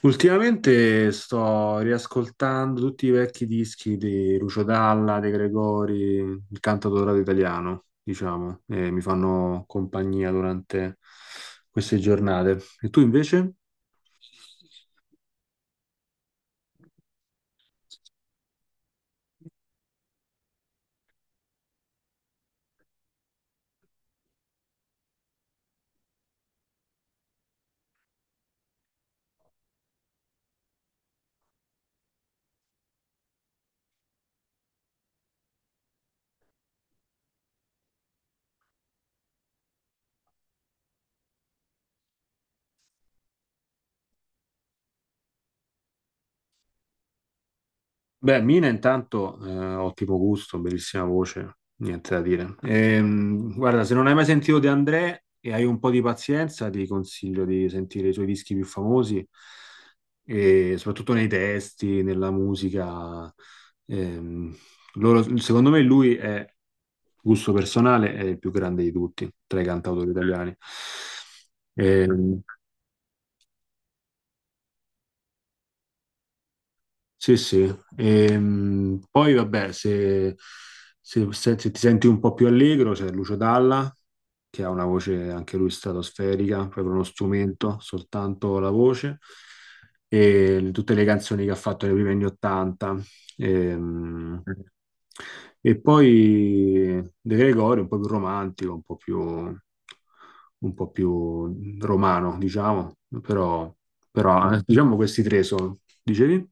Ultimamente sto riascoltando tutti i vecchi dischi di Lucio Dalla, De Gregori, il canto dorato italiano, diciamo, e mi fanno compagnia durante queste giornate. E tu invece? Beh, Mina intanto, ottimo gusto, bellissima voce, niente da dire. Guarda, se non hai mai sentito De André e hai un po' di pazienza, ti consiglio di sentire i suoi dischi più famosi, e soprattutto nei testi, nella musica. Ehm, Secondo me lui è, gusto personale, è il più grande di tutti, tra i cantautori italiani. Mm. Sì, sì. Poi vabbè, se ti senti un po' più allegro, c'è Lucio Dalla, che ha una voce anche lui stratosferica, proprio uno strumento, soltanto la voce, e tutte le canzoni che ha fatto nei primi anni Ottanta. Ehm, E poi De Gregori, un po' più romantico, un po' più romano, diciamo, però, però diciamo questi tre sono, dicevi?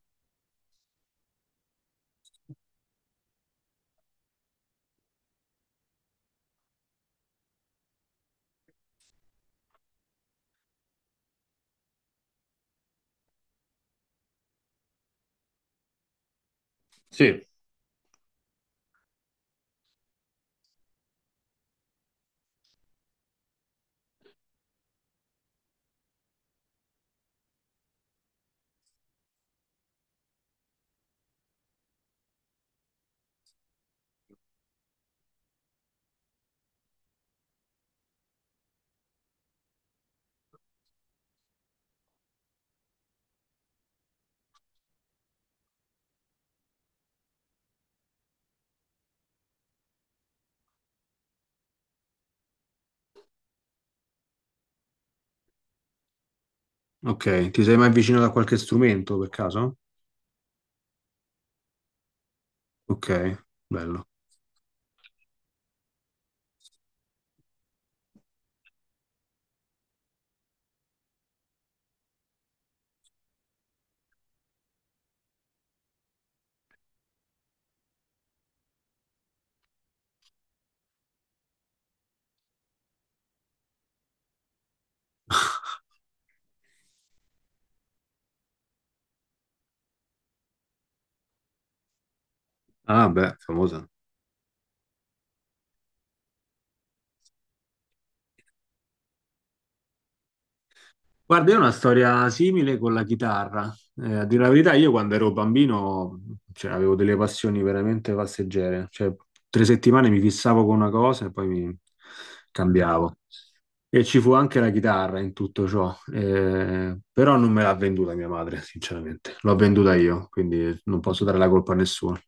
Sì. Ok, ti sei mai avvicinato a qualche strumento per caso? Ok, bello. Ah, beh, famosa. Guarda, io ho una storia simile con la chitarra. A dire la verità, io quando ero bambino, cioè, avevo delle passioni veramente passeggere. Cioè, tre settimane mi fissavo con una cosa e poi mi cambiavo. E ci fu anche la chitarra in tutto ciò. Però non me l'ha venduta mia madre, sinceramente. L'ho venduta io, quindi non posso dare la colpa a nessuno.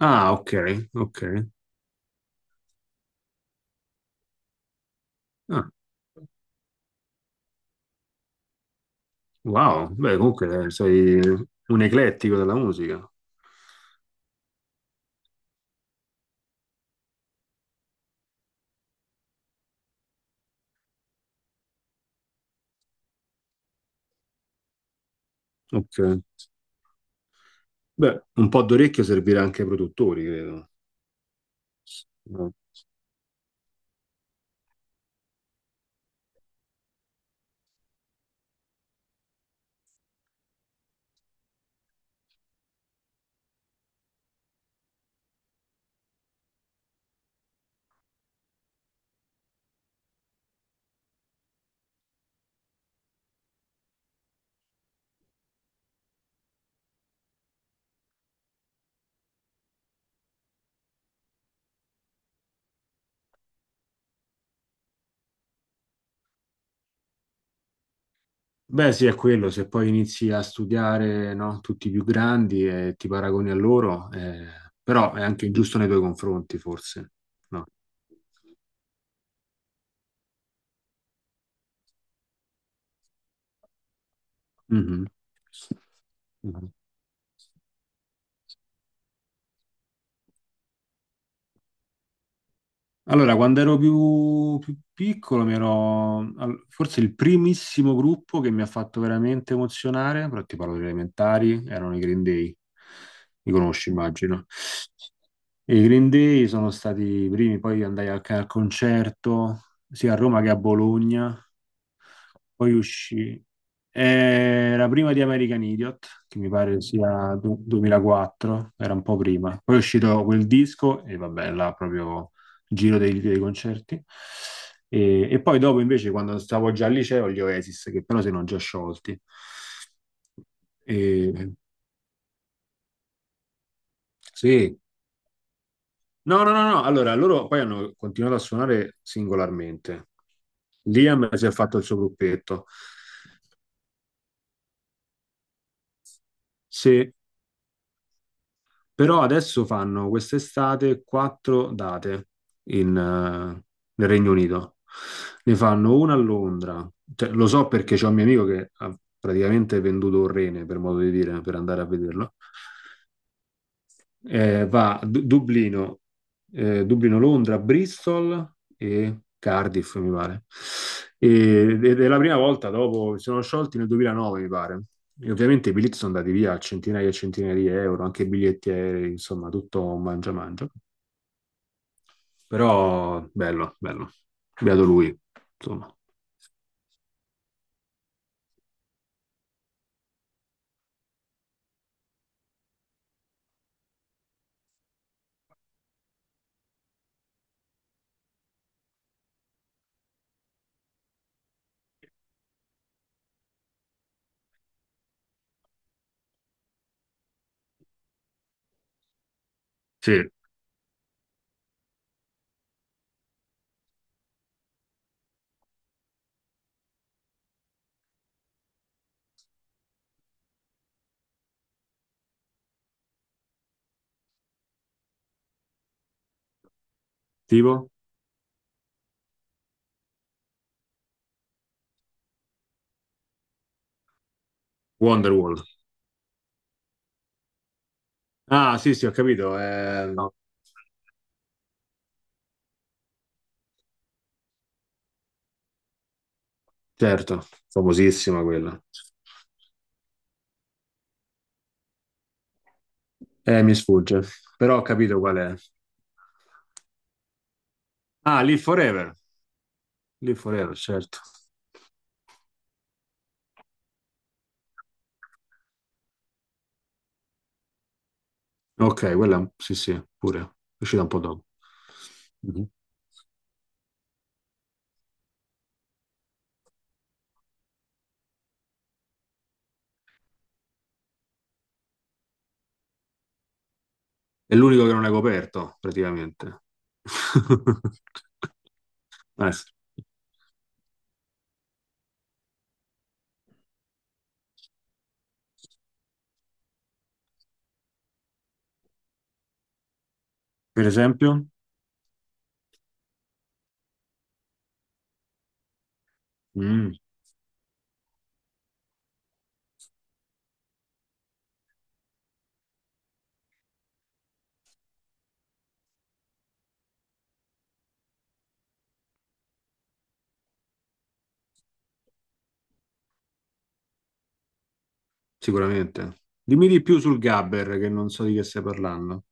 Ah, ok, ok. Ah, wow, beh, comunque sei un eclettico della musica. Ok. Beh, un po' d'orecchio servirà anche ai produttori, credo. No. Beh, sì, è quello, se poi inizi a studiare, no, tutti i più grandi e ti paragoni a loro, però è anche giusto nei tuoi confronti, forse. No. Mhm. Mhm. Allora, quando ero più, più piccolo, forse il primissimo gruppo che mi ha fatto veramente emozionare, però ti parlo delle elementari, erano i Green Day. Li conosci, immagino. I Green Day sono stati i primi, poi andai anche al concerto, sia a Roma che a Bologna, poi uscì. Era prima di American Idiot, che mi pare sia 2004, era un po' prima. Poi è uscito quel disco e vabbè, là proprio giro dei concerti. E poi dopo invece, quando stavo già al liceo, gli Oasis, che però si erano già sciolti. E, sì, no, no, no, no. Allora, loro poi hanno continuato a suonare singolarmente. Liam si è fatto il suo gruppetto. Se- Però adesso fanno quest'estate quattro date in, eh, nel Regno Unito. Ne fanno una a Londra. Cioè, lo so perché c'è un mio amico che ha praticamente venduto un rene, per modo di dire, per andare a vederlo. Dublino, Dublino, Londra, Bristol e Cardiff, mi pare. Ed è la prima volta dopo, si sono sciolti nel 2009, mi pare. E ovviamente i biglietti sono andati via a centinaia e centinaia di euro, anche i biglietti aerei, insomma, tutto un mangia mangia. Però bello, bello. Beato lui, insomma. Sì, tipo Wonderwall. Ah, sì, sì, ho capito. No, certo, famosissima quella. Mi sfugge, però ho capito qual è. Ah, Live Forever. Live Forever, certo. Ok, quella sì, sì, pure. È uscita un po' dopo. Mhm. È l'unico che non è coperto, praticamente. Sì. Per esempio? Mm, sicuramente. Dimmi di più sul Gabber, che non so di che stai parlando.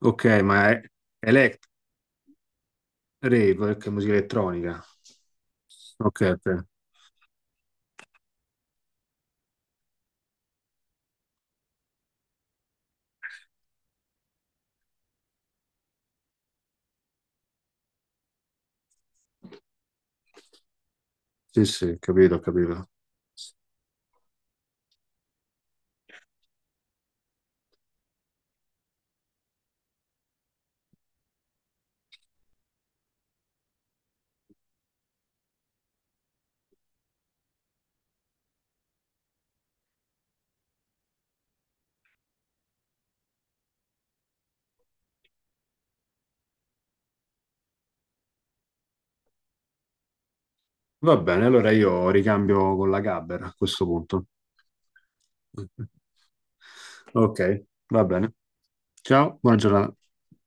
Ok, ma è Elect Rave, che è musica elettronica. Ok, ok. Sì, sì, capito, capito. Va bene, allora io ricambio con la Gabber a questo punto. Ok, va bene. Ciao, buona giornata.